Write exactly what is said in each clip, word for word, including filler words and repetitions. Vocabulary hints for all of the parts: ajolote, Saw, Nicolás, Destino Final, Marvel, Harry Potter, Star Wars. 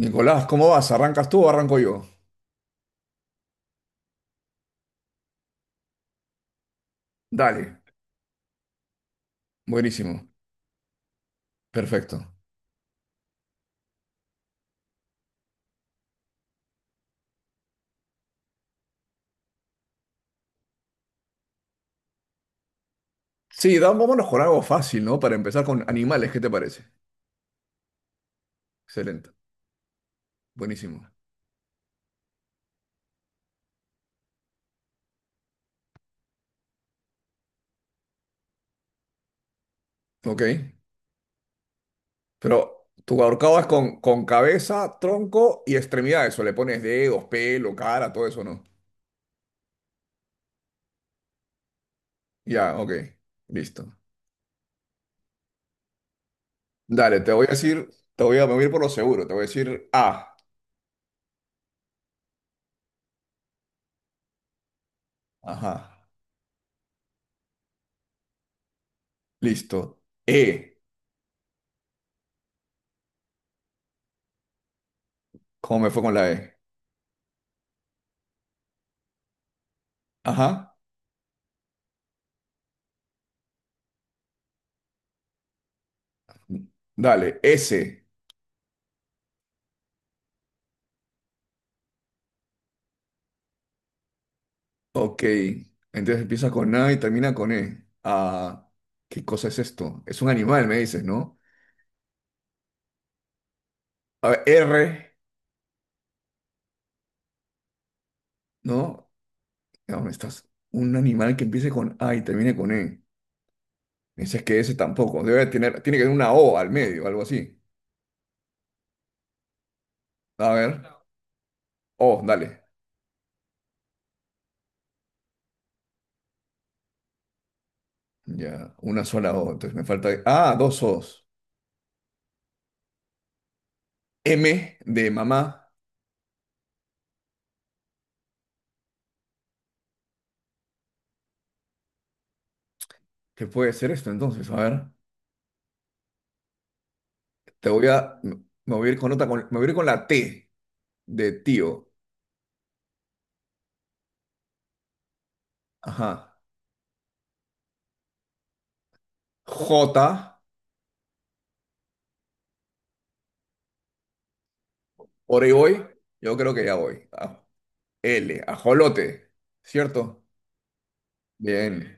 Nicolás, ¿cómo vas? ¿Arrancas tú o arranco yo? Dale, buenísimo, perfecto. Sí, da- vámonos con algo fácil, ¿no? Para empezar con animales, ¿qué te parece? Excelente, buenísimo. Ok, pero tu ahorcado es con, con cabeza, tronco y extremidades, o le pones dedos, pelo, cara, todo eso, ¿no? Ya, ok, listo. Dale, te voy a decir, te voy a, me voy a ir por lo seguro, te voy a decir A. Ajá, listo. E, ¿cómo me fue con la E? Ajá, dale, S. Ok, entonces empieza con A y termina con E. Ah, ¿qué cosa es esto? Es un animal, me dices, ¿no? A ver, R, ¿no? ¿Dónde estás? Un animal que empiece con A y termine con E. Me dices que ese tampoco. Debe tener, tiene que tener una O al medio, algo así. A ver, O, dale. Ya, una sola O. Entonces me falta. Ah, dos O's. M de mamá. ¿Qué puede ser esto entonces? A ver, te voy a. Me voy a ir con otra, con- me voy a ir con la T de tío. Ajá. J. Por ahí voy, yo creo que ya voy. A- L, ajolote, ¿cierto? Bien.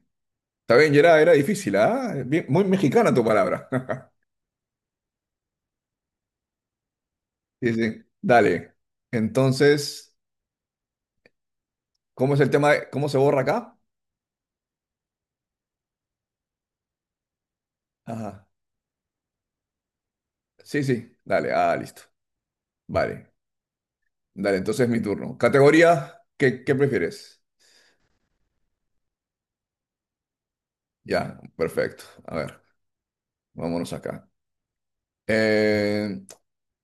Está bien, era, era difícil, ¿ah? Bien- muy mexicana tu palabra. Sí, sí. Dale. Entonces, ¿cómo es el tema de cómo se borra acá? Ajá. Sí, sí, dale, ah, listo. Vale. Dale, entonces es mi turno. Categoría, ¿qué, ¿qué prefieres? Ya, perfecto. A ver, vámonos acá. Eh,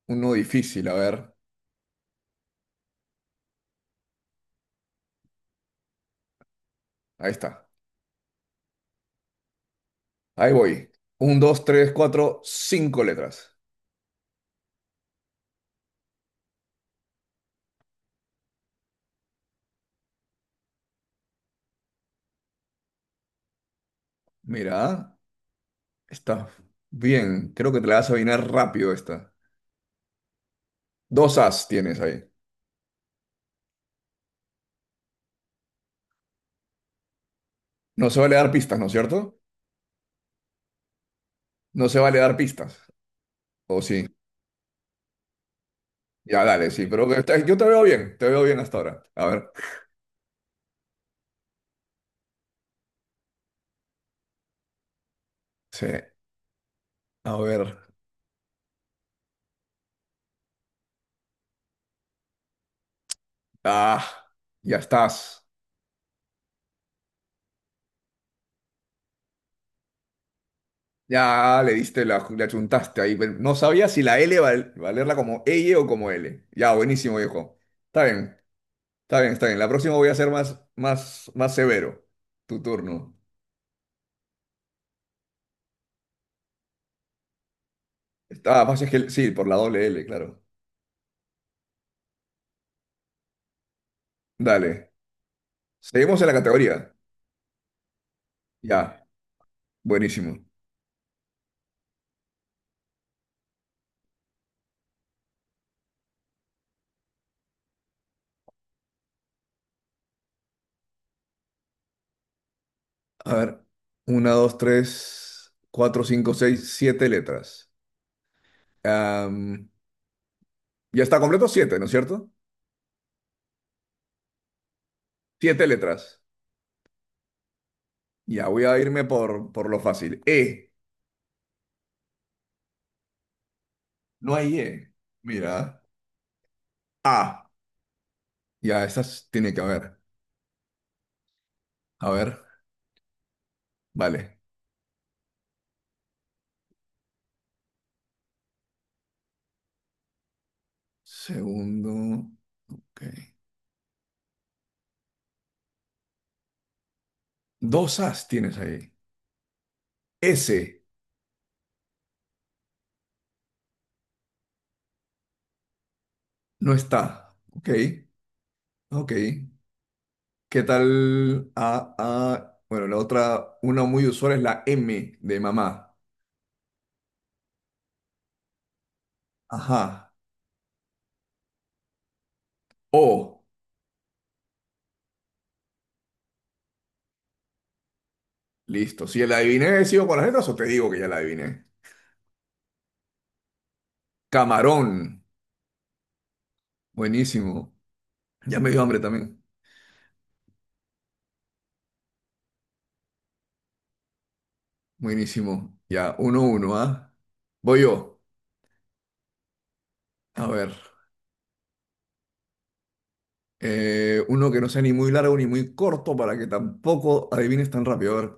uno difícil, a ver. Ahí está. Ahí voy. Un, dos, tres, cuatro, cinco letras. Mira, está bien. Creo que te la vas a adivinar rápido esta. Dos as tienes ahí. No se vale dar pistas, ¿no es cierto? No se vale dar pistas. ¿O sí? Ya, dale, sí. Pero está- yo te veo bien. Te veo bien hasta ahora. A ver. Sí. A ver. Ah, ya estás. Ya le diste la, le achuntaste ahí. Pero no sabía si la L val- valerla como L o como L. Ya, buenísimo, viejo. Está bien. Está bien, está bien. La próxima voy a ser más, más, más severo. Tu turno. Ah, más es que sí, por la doble L, claro. Dale. Seguimos en la categoría. Ya, buenísimo. A ver, una, dos, tres, cuatro, cinco, seis, siete letras. Am, ya está completo siete, ¿no es cierto? Siete letras. Ya, voy a irme por, por lo fácil. E. No hay E. Mira. A. Ya, estas tiene que haber. A ver, vale. Segundo. Ok. Dos as tienes ahí. S no está. Ok, ok. ¿Qué tal? A, A. Bueno, la otra, una muy usual es la M de mamá. Ajá. O. Listo. Si ya la adiviné, sigo con las letras o te digo que ya la adiviné. Camarón. Buenísimo. Ya me dio hambre también. Buenísimo. Ya, uno, uno, ¿ah? Voy yo. A ver. Eh, uno que no sea ni muy largo ni muy corto para que tampoco adivines tan rápido. A ver.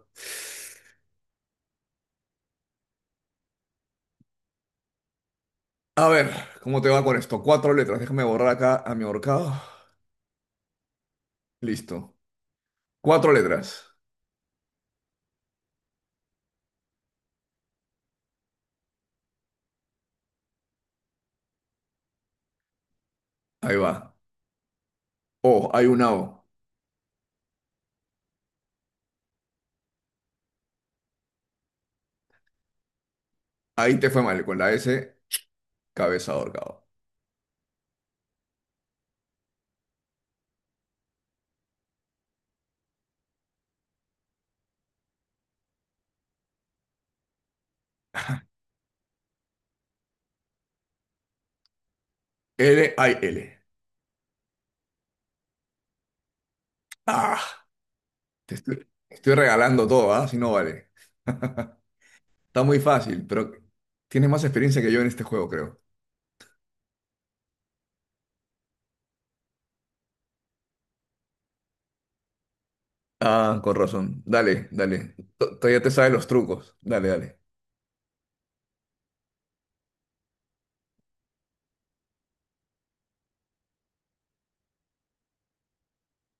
A ver, ¿cómo te va con esto? Cuatro letras. Déjame borrar acá a mi ahorcado. Listo. Cuatro letras. Ahí va. O, hay una O. Ahí te fue mal. Con la S, cabeza de ahorcado. L, hay L. Ah, te estoy, estoy regalando todo, ¿ah? Si no vale. Está muy fácil, pero tienes más experiencia que yo en este juego, creo. Ah, con razón. Dale, dale. To- Todavía te sabes los trucos. Dale, dale.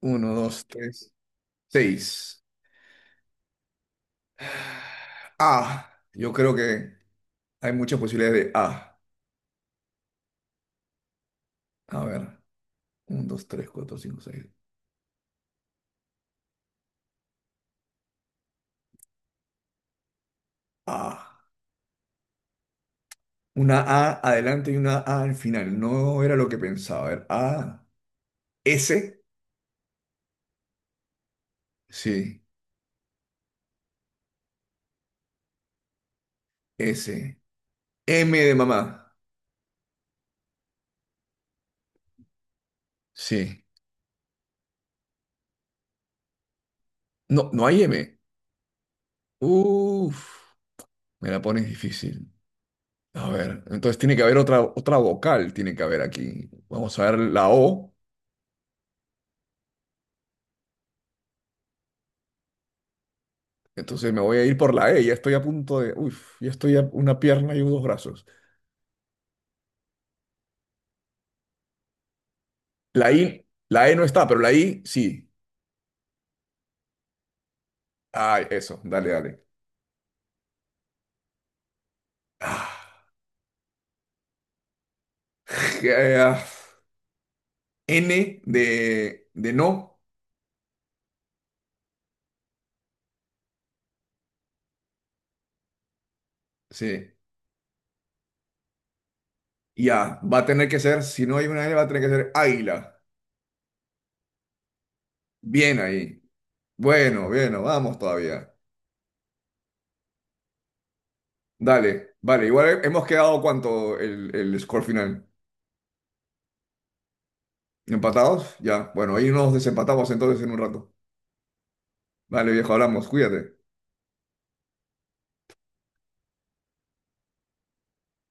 Uno, dos, tres, seis. Ah, yo creo que hay muchas posibilidades de A. A ver. Uno, dos, tres, cuatro, cinco, seis, A. Una A adelante y una A al final. No era lo que pensaba. A ver. A. S. Sí. S. M de mamá. Sí. No, no hay M. Uf. Me la pones difícil. A ver. Entonces tiene que haber otra, otra vocal. Tiene que haber aquí. Vamos a ver la O. Entonces me voy a ir por la E. Ya estoy a punto de. Uf. Ya estoy a una pierna y dos brazos. La I. La E no está, pero la I sí. Ay, eso, dale, dale. Ah, eh, ah, N de, de no, sí. Ya, va a tener que ser, si no hay una N, va a tener que ser águila. Bien ahí. Bueno, bueno, vamos todavía. Dale, vale, igual hemos quedado cuánto el, el score final. ¿Empatados? Ya, bueno, ahí nos desempatamos entonces en un rato. Vale, viejo, hablamos, cuídate.